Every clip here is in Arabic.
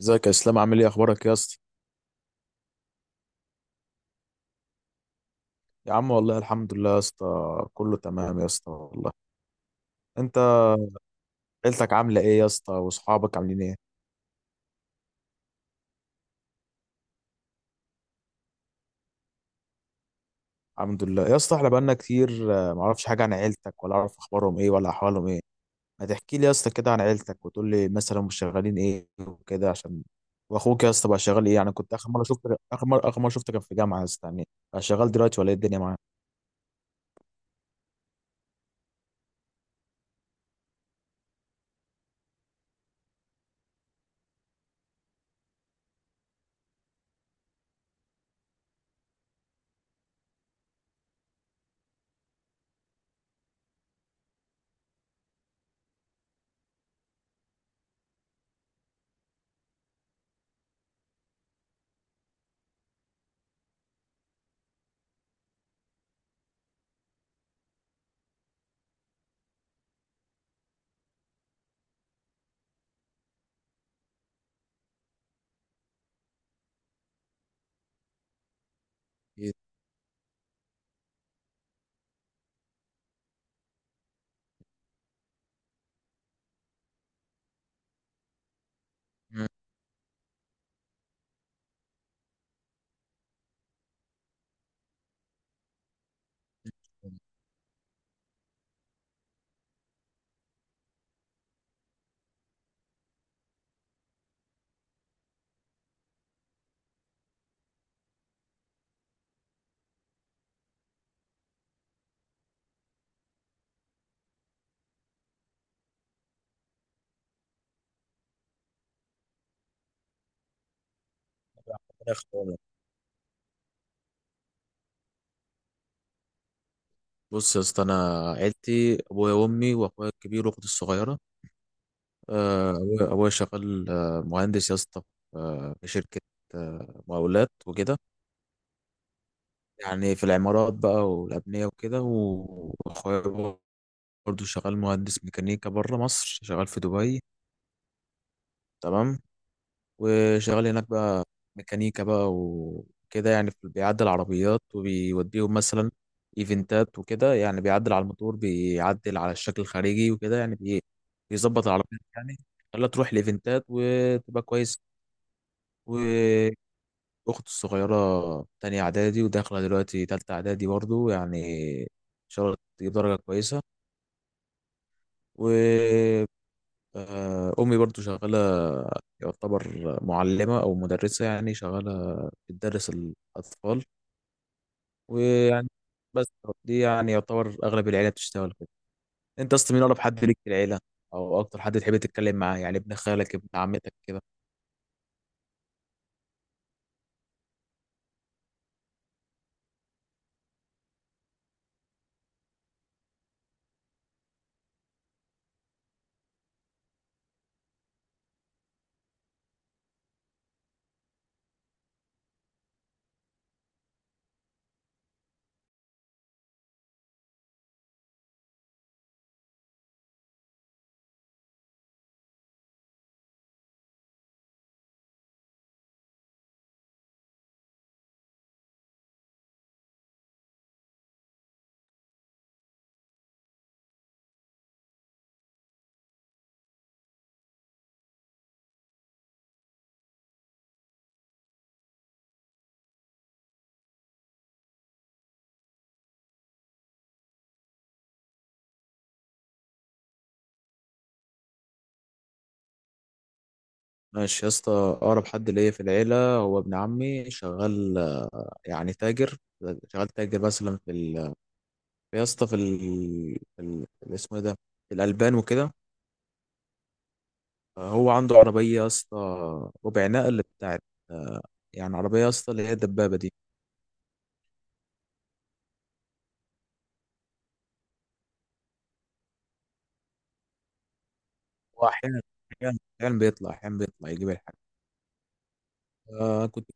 ازيك يا اسلام؟ عامل ايه؟ اخبارك يا اسطى؟ يا عم، والله الحمد لله يا اسطى. كله تمام يا اسطى والله. انت، عيلتك عامله ايه يا اسطى؟ واصحابك عاملين ايه؟ الحمد لله يا اسطى. احنا بقالنا كتير، ما اعرفش حاجه عن عيلتك، ولا اعرف اخبارهم ايه، ولا احوالهم ايه. ما تحكي لي يا اسطى كده عن عيلتك، وتقول لي مثلا هم شغالين ايه وكده، عشان واخوك يا اسطى بقى شغال ايه يعني؟ كنت اخر مره شفت، اخر مره شفته كان في جامعه يا اسطى يعني. بقى شغال دلوقتي ولا ايه؟ الدنيا معاك؟ ايه؟ مم. ربنا يخليهم لك. بص يا اسطى، انا عيلتي ابويا وامي واخويا الكبير واختي الصغيره. أبويا شغال مهندس يا اسطى، في شركة مقاولات وكده. يعني في العمارات بقى والأبنية وكده، وأخويا برضه شغال مهندس ميكانيكا بره مصر، شغال في دبي. تمام. وشغال هناك بقى، ميكانيكا بقى وكده يعني، بيعدل عربيات وبيوديهم مثلا إيفنتات وكده، يعني بيعدل على الموتور، بيعدل على الشكل الخارجي وكده يعني بيظبط العربيات يعني، خلاها تروح لإيفنتات وتبقى كويس. أختي الصغيرة تانية إعدادي، وداخلة دلوقتي تالتة إعدادي برضو يعني، إن شاء الله تجيب درجة كويسة. و أمي برضو شغالة، يعتبر معلمة أو مدرسة، يعني شغالة بتدرس الأطفال. ويعني بس، دي يعني يعتبر أغلب العيلة بتشتغل كده. أنت أصلا، مين أقرب حد ليك في العيلة؟ أو أكتر حد تحب تتكلم معاه، يعني ابن خالك، ابن عمتك كده؟ ماشي يا اسطى. أقرب حد ليا في العيلة هو ابن عمي، شغال يعني تاجر. شغال تاجر مثلا يا اسطى، في اسمه إيه ده، في الألبان وكده. هو عنده عربية يا اسطى، ربع نقل بتاعت، آه، يعني عربية يا اسطى اللي هي الدبابة دي. هو أحيانا بيطلع يجيب الحاجة. آه، كنت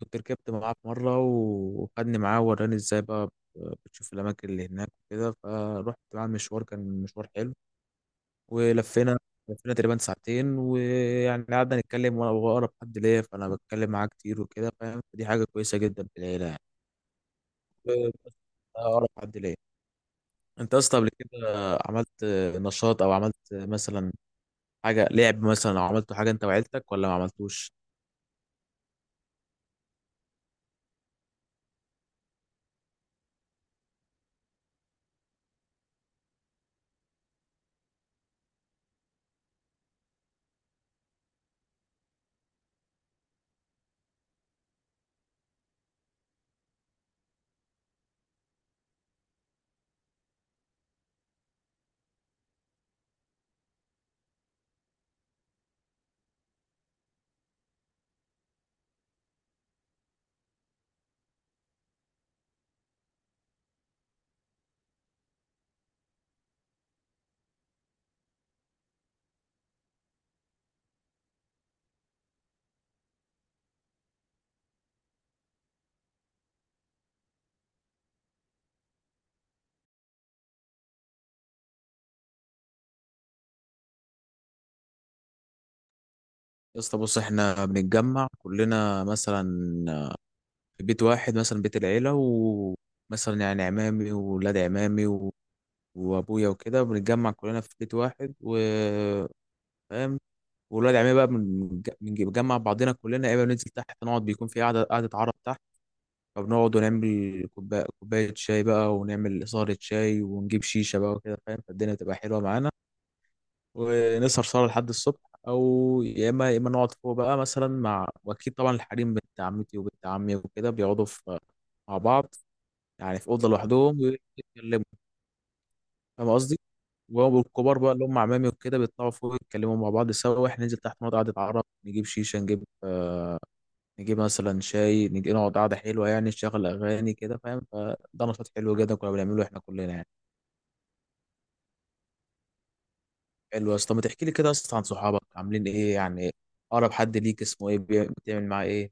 كنت ركبت معاه في مرة، وخدني معاه وراني ازاي بقى بتشوف الأماكن اللي هناك وكده، فروحت معاه المشوار، كان مشوار حلو. ولفينا تقريبا ساعتين، ويعني قعدنا نتكلم، وانا بقرب حد ليا فانا بتكلم معاه كتير وكده فاهم، فدي حاجه كويسه جدا في العيله يعني. وبس، ده اقرب حد ليا. انت اصلا قبل كده عملت نشاط او عملت مثلا حاجه لعب مثلا، او عملت حاجه انت وعيلتك ولا ما عملتوش؟ يا اسطى بص، احنا بنتجمع كلنا مثلا في بيت واحد، مثلا بيت العيله، ومثلا يعني عمامي وولاد عمامي وابويا وكده، بنتجمع كلنا في بيت واحد وفاهم. والولاد عمي بقى، بنجمع بعضنا كلنا، يا اما بننزل تحت نقعد، بيكون في قعده عرب تحت، فبنقعد ونعمل كوبايه كوبايه شاي بقى، ونعمل إصارة شاي، ونجيب شيشه بقى وكده فاهم، فالدنيا بتبقى حلوه معانا، ونسهر سهره لحد الصبح. او يا اما نقعد فوق بقى مثلا مع، واكيد طبعا الحريم بنت عمتي وبنت عمي وكده بيقعدوا في مع بعض، يعني في اوضه لوحدهم ويتكلموا، فاهم قصدي. والكبار بقى اللي هم عمامي وكده بيطلعوا فوق يتكلموا مع بعض سوا، واحنا ننزل تحت نقعد قعده عرب، نجيب شيشه، نجيب مثلا شاي، نجي نقعد قعدة حلوة يعني، نشغل أغاني كده فاهم. فده نشاط حلو جدا كنا بنعمله إحنا كلنا يعني. حلو يا اسطى. ما تحكي لي كده أصلا عن صحابك عاملين إيه يعني؟ أقرب حد ليك اسمه إيه؟ بتعمل معاه إيه؟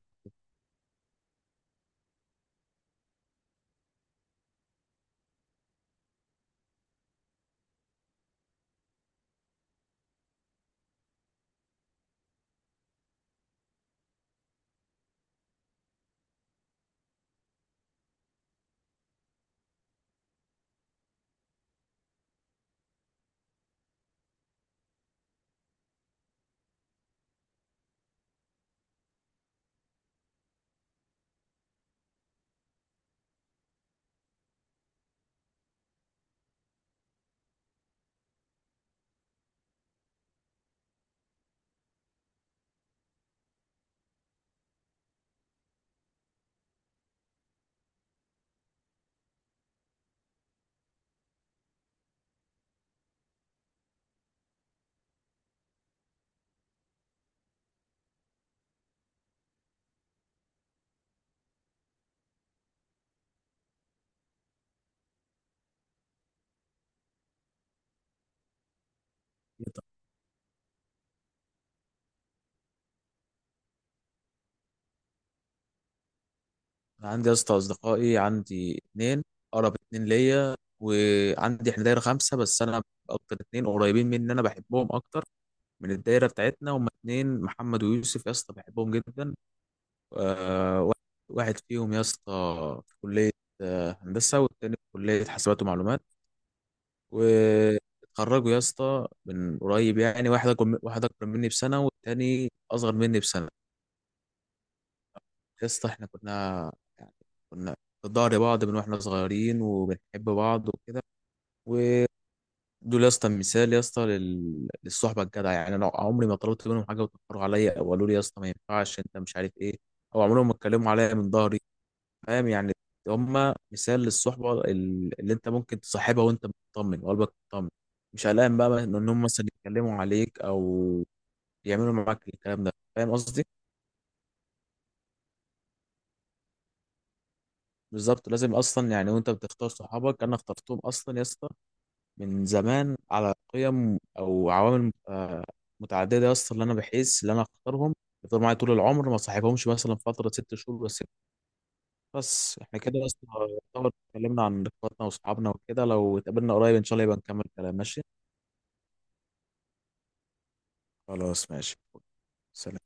أنا عندي يا اسطى أصدقائي، عندي اتنين أقرب اتنين ليا، وعندي إحنا دايرة خمسة، بس أنا أكتر اتنين قريبين مني أنا بحبهم أكتر من الدايرة بتاعتنا. هما اتنين، محمد ويوسف يا اسطى، بحبهم جدا. آه، واحد واحد فيهم يا اسطى في كلية هندسة، والتاني في كلية حاسبات ومعلومات. واتخرجوا يا اسطى من قريب يعني، واحد أكبر مني بسنة، والتاني أصغر مني بسنة. يا اسطى احنا يعني كنا في ظهر بعض من واحنا صغيرين، وبنحب بعض وكده. ودول يا اسطى مثال يا اسطى، للصحبة الجدعة يعني. أنا عمري ما طلبت منهم حاجة وتأخروا عليا، أو قالوا لي يا اسطى ما ينفعش أنت مش عارف إيه، أو عمرهم ما اتكلموا عليا من ظهري، فاهم يعني. هما مثال للصحبة، اللي انت ممكن تصاحبها وانت مطمن، وقلبك مطمن، مش قلقان بقى ان هم مثلا يتكلموا عليك، او يعملوا معاك الكلام ده، فاهم قصدي. بالظبط، لازم اصلا يعني، وانت بتختار صحابك، انا اخترتهم اصلا يا اسطى من زمان على قيم او عوامل متعددة يا اسطى، اللي انا بحس اللي انا اختارهم يفضلوا معايا طول العمر، ما صاحبهمش مثلا فترة 6 شهور بس. بس احنا كده يا اسطى، يعتبر اتكلمنا عن اخواتنا واصحابنا وكده. لو اتقابلنا قريب ان شاء الله يبقى نكمل كلام. ماشي؟ خلاص، ماشي. سلام.